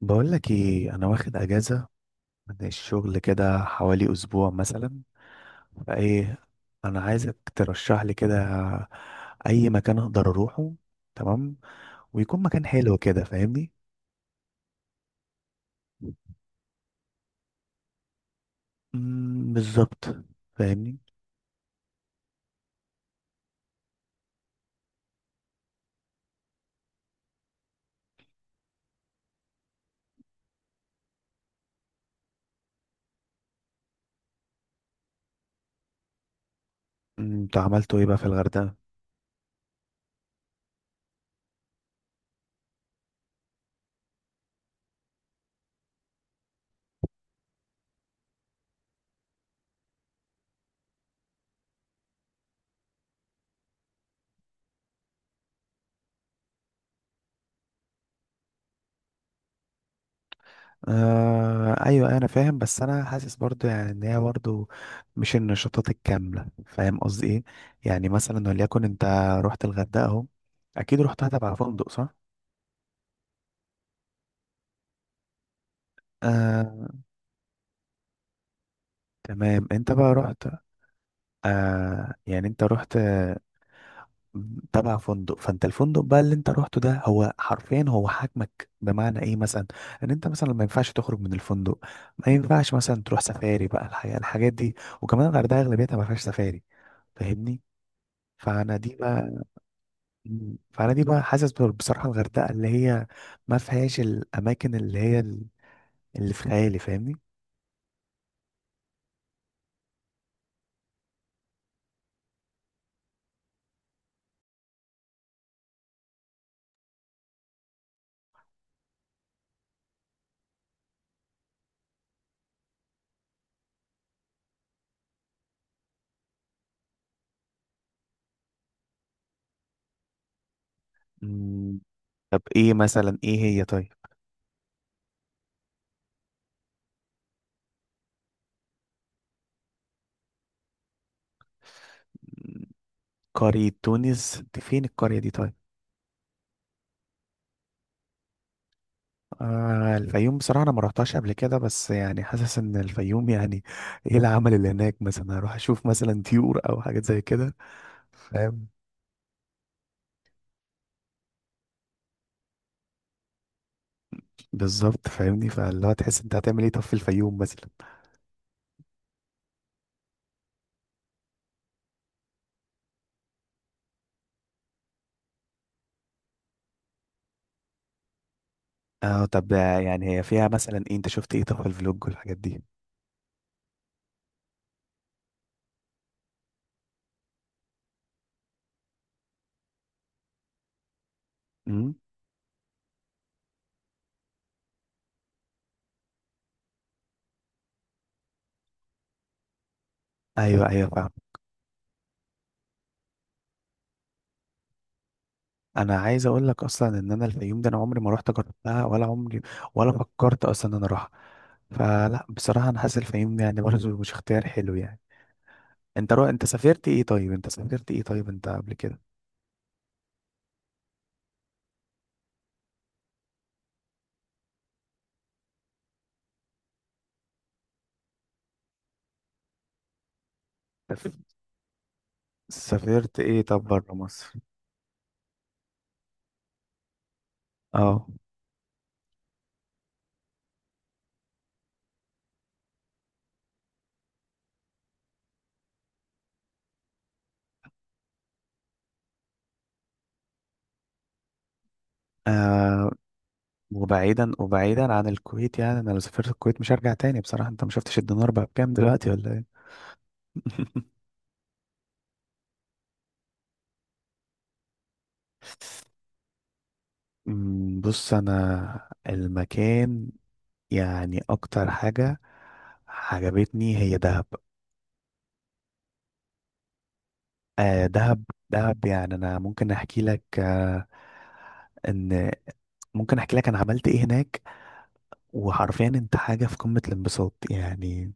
بقول لك ايه، انا واخد اجازه من الشغل كده حوالي اسبوع مثلا. فايه، انا عايزك ترشح لي كده اي مكان اقدر اروحه، تمام، ويكون مكان حلو كده، فاهمني؟ بالظبط، فاهمني. انتوا عملتوا ايه بقى في الغردقه؟ آه ايوه انا فاهم، بس انا حاسس برضو يعني ان هي برضو مش النشاطات الكامله، فاهم قصدي ايه؟ يعني مثلا وليكن انت رحت الغردقه اهو، اكيد رحتها تبع فندق صح؟ آه، تمام. انت بقى رحت. آه يعني انت رحت، تبع فندق. فانت الفندق بقى اللي انت رحته ده هو حرفيا هو حاكمك، بمعنى ايه مثلا؟ ان انت مثلا ما ينفعش تخرج من الفندق، ما ينفعش مثلا تروح سفاري بقى الحقيقة، الحاجات دي. وكمان الغردقة اغلبيتها ما فيهاش سفاري، فاهمني. فانا دي بقى. حاسس بصراحة الغردقة اللي هي ما فيهاش الاماكن اللي هي اللي في خيالي، فاهمني. مم. طب ايه مثلا، ايه هي طيب؟ قرية تونس دي فين القرية دي طيب؟ آه الفيوم، بصراحة أنا ما رحتهاش قبل كده، بس يعني حاسس إن الفيوم يعني إيه العمل اللي هناك؟ مثلا أروح أشوف مثلا طيور أو حاجات زي كده، فاهم؟ بالظبط، فاهمني. فاللي هو تحس أنت هتعمل إيه طب في الفيوم مثلا؟ آه طب يعني هي فيها مثلا إيه؟ أنت شفت إيه طب في الفلوج والحاجات دي؟ امم. أيوه أيوه فاهم. أنا عايز أقول لك أصلا إن أنا الفيوم ده أنا عمري ما رحت جربتها، ولا عمري ولا فكرت أصلا إن أنا أروحها. فلا بصراحة أنا حاسس الفيوم يعني برضه مش اختيار حلو يعني. انت سافرت ايه طيب؟ انت قبل كده؟ سف- سافرت ايه طب بره مصر؟ اه. آه، وبعيدا عن الكويت يعني، انا لو سافرت الكويت مش هرجع تاني بصراحة. انت ما شفتش الدينار بقى بكام دلوقتي ولا ايه؟ بص انا المكان، يعني اكتر حاجة عجبتني هي دهب. آه دهب. دهب يعني انا ممكن احكي لك آه ان، ممكن احكي لك انا عملت ايه هناك. وحرفيا انت حاجة في قمة الانبساط يعني.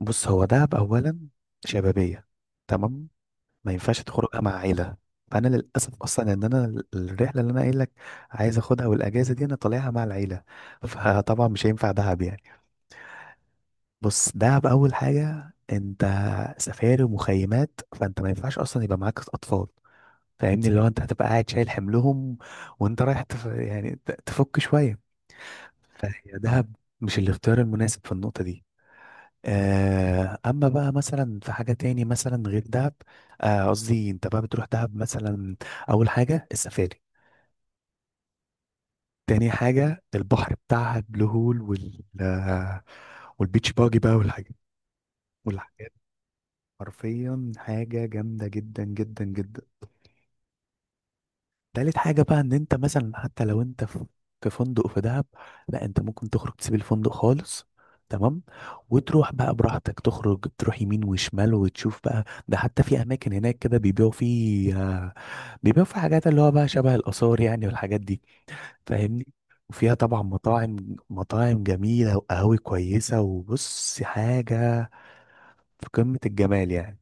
بص هو دهب اولا شبابية، تمام، ما ينفعش تخرجها مع عيلة. فانا للاسف اصلا ان الرحلة اللي انا قايل لك عايز اخدها والاجازة دي انا طالعها مع العيلة، فطبعا مش هينفع دهب يعني. بص دهب اول حاجة انت سفاري ومخيمات، فانت ما ينفعش اصلا يبقى معاك اطفال، فاهمني. اللي هو انت هتبقى قاعد شايل حملهم وانت رايح يعني تفك شوية. هي دهب مش الاختيار المناسب في النقطة دي. اما بقى مثلا في حاجه تاني مثلا غير دهب. قصدي انت بقى بتروح دهب مثلا، اول حاجه السفاري، تاني حاجه البحر بتاعها بلو هول والبيتش باجي بقى والحاجات، والحاجات حرفيا حاجه جامده جدا جدا جدا. تالت حاجة بقى ان انت مثلا حتى لو انت في في فندق في دهب، لا انت ممكن تخرج تسيب الفندق خالص، تمام، وتروح بقى براحتك تخرج تروح يمين وشمال وتشوف بقى. ده حتى في اماكن هناك كده بيبيعوا فيه بيبيعوا فيه حاجات اللي هو بقى شبه الاثار يعني، والحاجات دي، فاهمني. وفيها طبعا مطاعم، مطاعم جميلة وقهاوي كويسة، وبص حاجة في قمة الجمال يعني،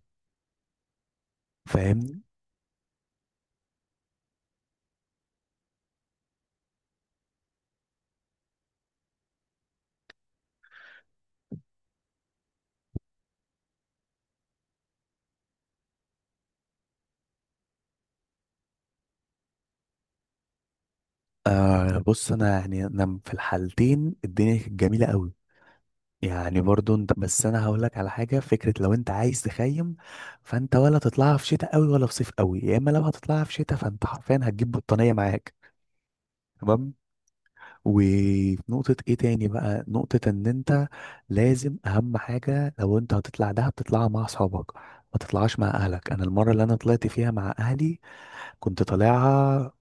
فاهمني. آه بص انا يعني انا في الحالتين الدنيا كانت جميلة قوي يعني، برضو انت، بس انا هقول لك على حاجه، فكره لو انت عايز تخيم فانت ولا تطلعها في شتاء قوي ولا في صيف قوي. يا اما لو هتطلعها في شتاء فانت حرفيا هتجيب بطانيه معاك، تمام. وفي نقطه ايه تاني بقى، نقطه ان انت لازم، اهم حاجه لو انت هتطلع دهب تطلعها مع اصحابك، ما تطلعهاش مع اهلك. انا المره اللي انا طلعت فيها مع اهلي كنت طالعها،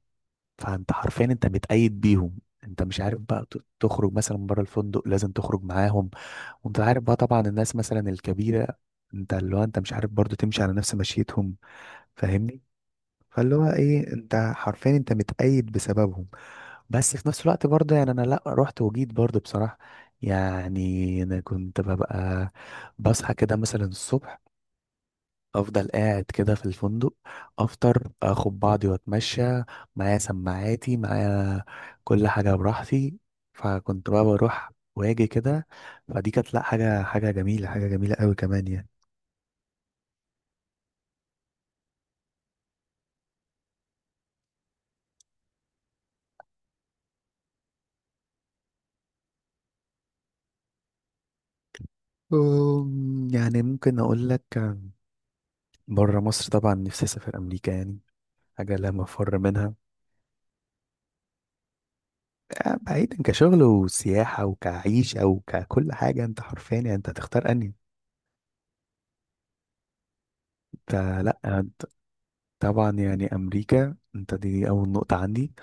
فانت حرفيا انت متقيد بيهم، انت مش عارف بقى تخرج مثلا بره الفندق، لازم تخرج معاهم. وانت عارف بقى طبعا الناس مثلا الكبيرة، انت اللي هو انت مش عارف برضو تمشي على نفس مشيتهم، فاهمني. فاللي هو ايه، انت حرفيا انت متقيد بسببهم. بس في نفس الوقت برضه يعني انا لا رحت وجيت برضه بصراحة، يعني انا كنت ببقى بصحى كده مثلا الصبح، افضل قاعد كده في الفندق، افطر اخد بعضي واتمشى، معايا سماعاتي معايا، كل حاجه براحتي، فكنت بقى بروح واجي كده. فدي كانت لا حاجه، حاجه جميله قوي كمان يعني. يعني ممكن اقول لك، بره مصر طبعا نفسي اسافر امريكا يعني، حاجه لا مفر منها. بعيدا كشغل وسياحه وكعيشه وككل حاجه، انت حرفيا يعني انت هتختار انهي انت. لا، طبعا يعني امريكا انت دي اول نقطه عندي.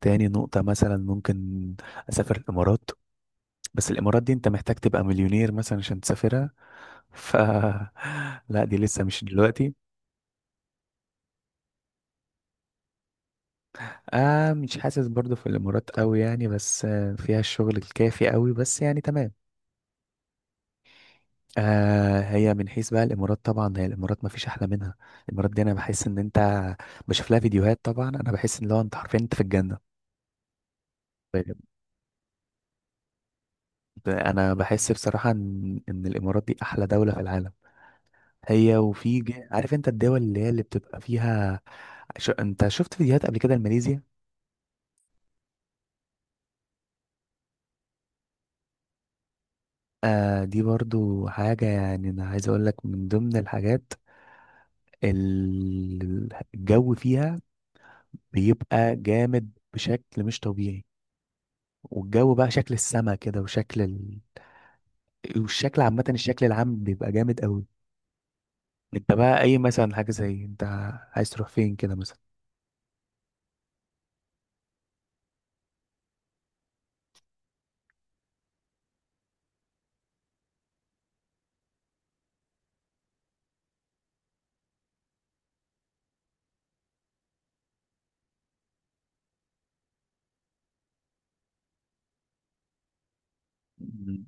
تاني نقطة مثلا ممكن أسافر الإمارات، بس الإمارات دي أنت محتاج تبقى مليونير مثلا عشان تسافرها، ف لا دي لسه مش دلوقتي. آه مش حاسس برضو في الإمارات قوي يعني، بس فيها الشغل الكافي قوي بس يعني تمام. آه، هي من حيث بقى الإمارات، طبعا هي الإمارات ما فيش أحلى منها. الإمارات دي أنا بحس إن أنت بشوف لها فيديوهات طبعا، أنا بحس إن لو أنت حرفيا أنت في الجنة. طيب، أنا بحس بصراحة إن الإمارات دي أحلى دولة في العالم. هي وفي عارف انت الدول اللي هي اللي بتبقى فيها. انت شفت فيديوهات قبل كده لماليزيا؟ آه دي برضو حاجة يعني انا عايز اقول لك من ضمن الحاجات، ال- الجو فيها بيبقى جامد بشكل مش طبيعي. والجو بقى شكل السما كده وشكل والشكل عامة، الشكل العام بيبقى جامد قوي. انت بقى اي مثلا حاجة زي، انت عايز تروح فين كده مثلا؟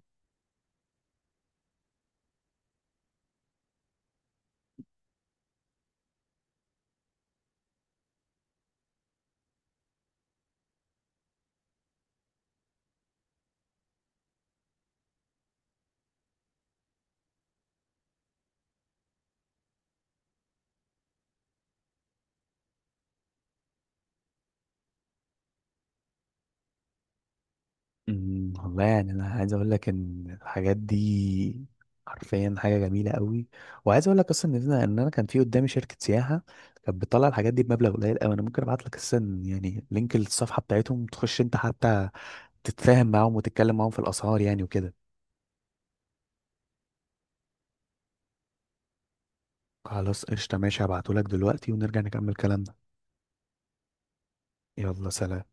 والله يعني انا عايز اقول لك ان الحاجات دي حرفيا حاجه جميله قوي. وعايز اقول لك اصلا ان انا، كان في قدامي شركه سياحه كانت بتطلع الحاجات دي بمبلغ قليل قوي. انا ممكن ابعت لك اصلا يعني لينك الصفحه بتاعتهم، تخش انت حتى تتفاهم معاهم وتتكلم معاهم في الاسعار يعني وكده. خلاص قشطه ماشي، هبعته لك دلوقتي ونرجع نكمل كلامنا. يلا سلام.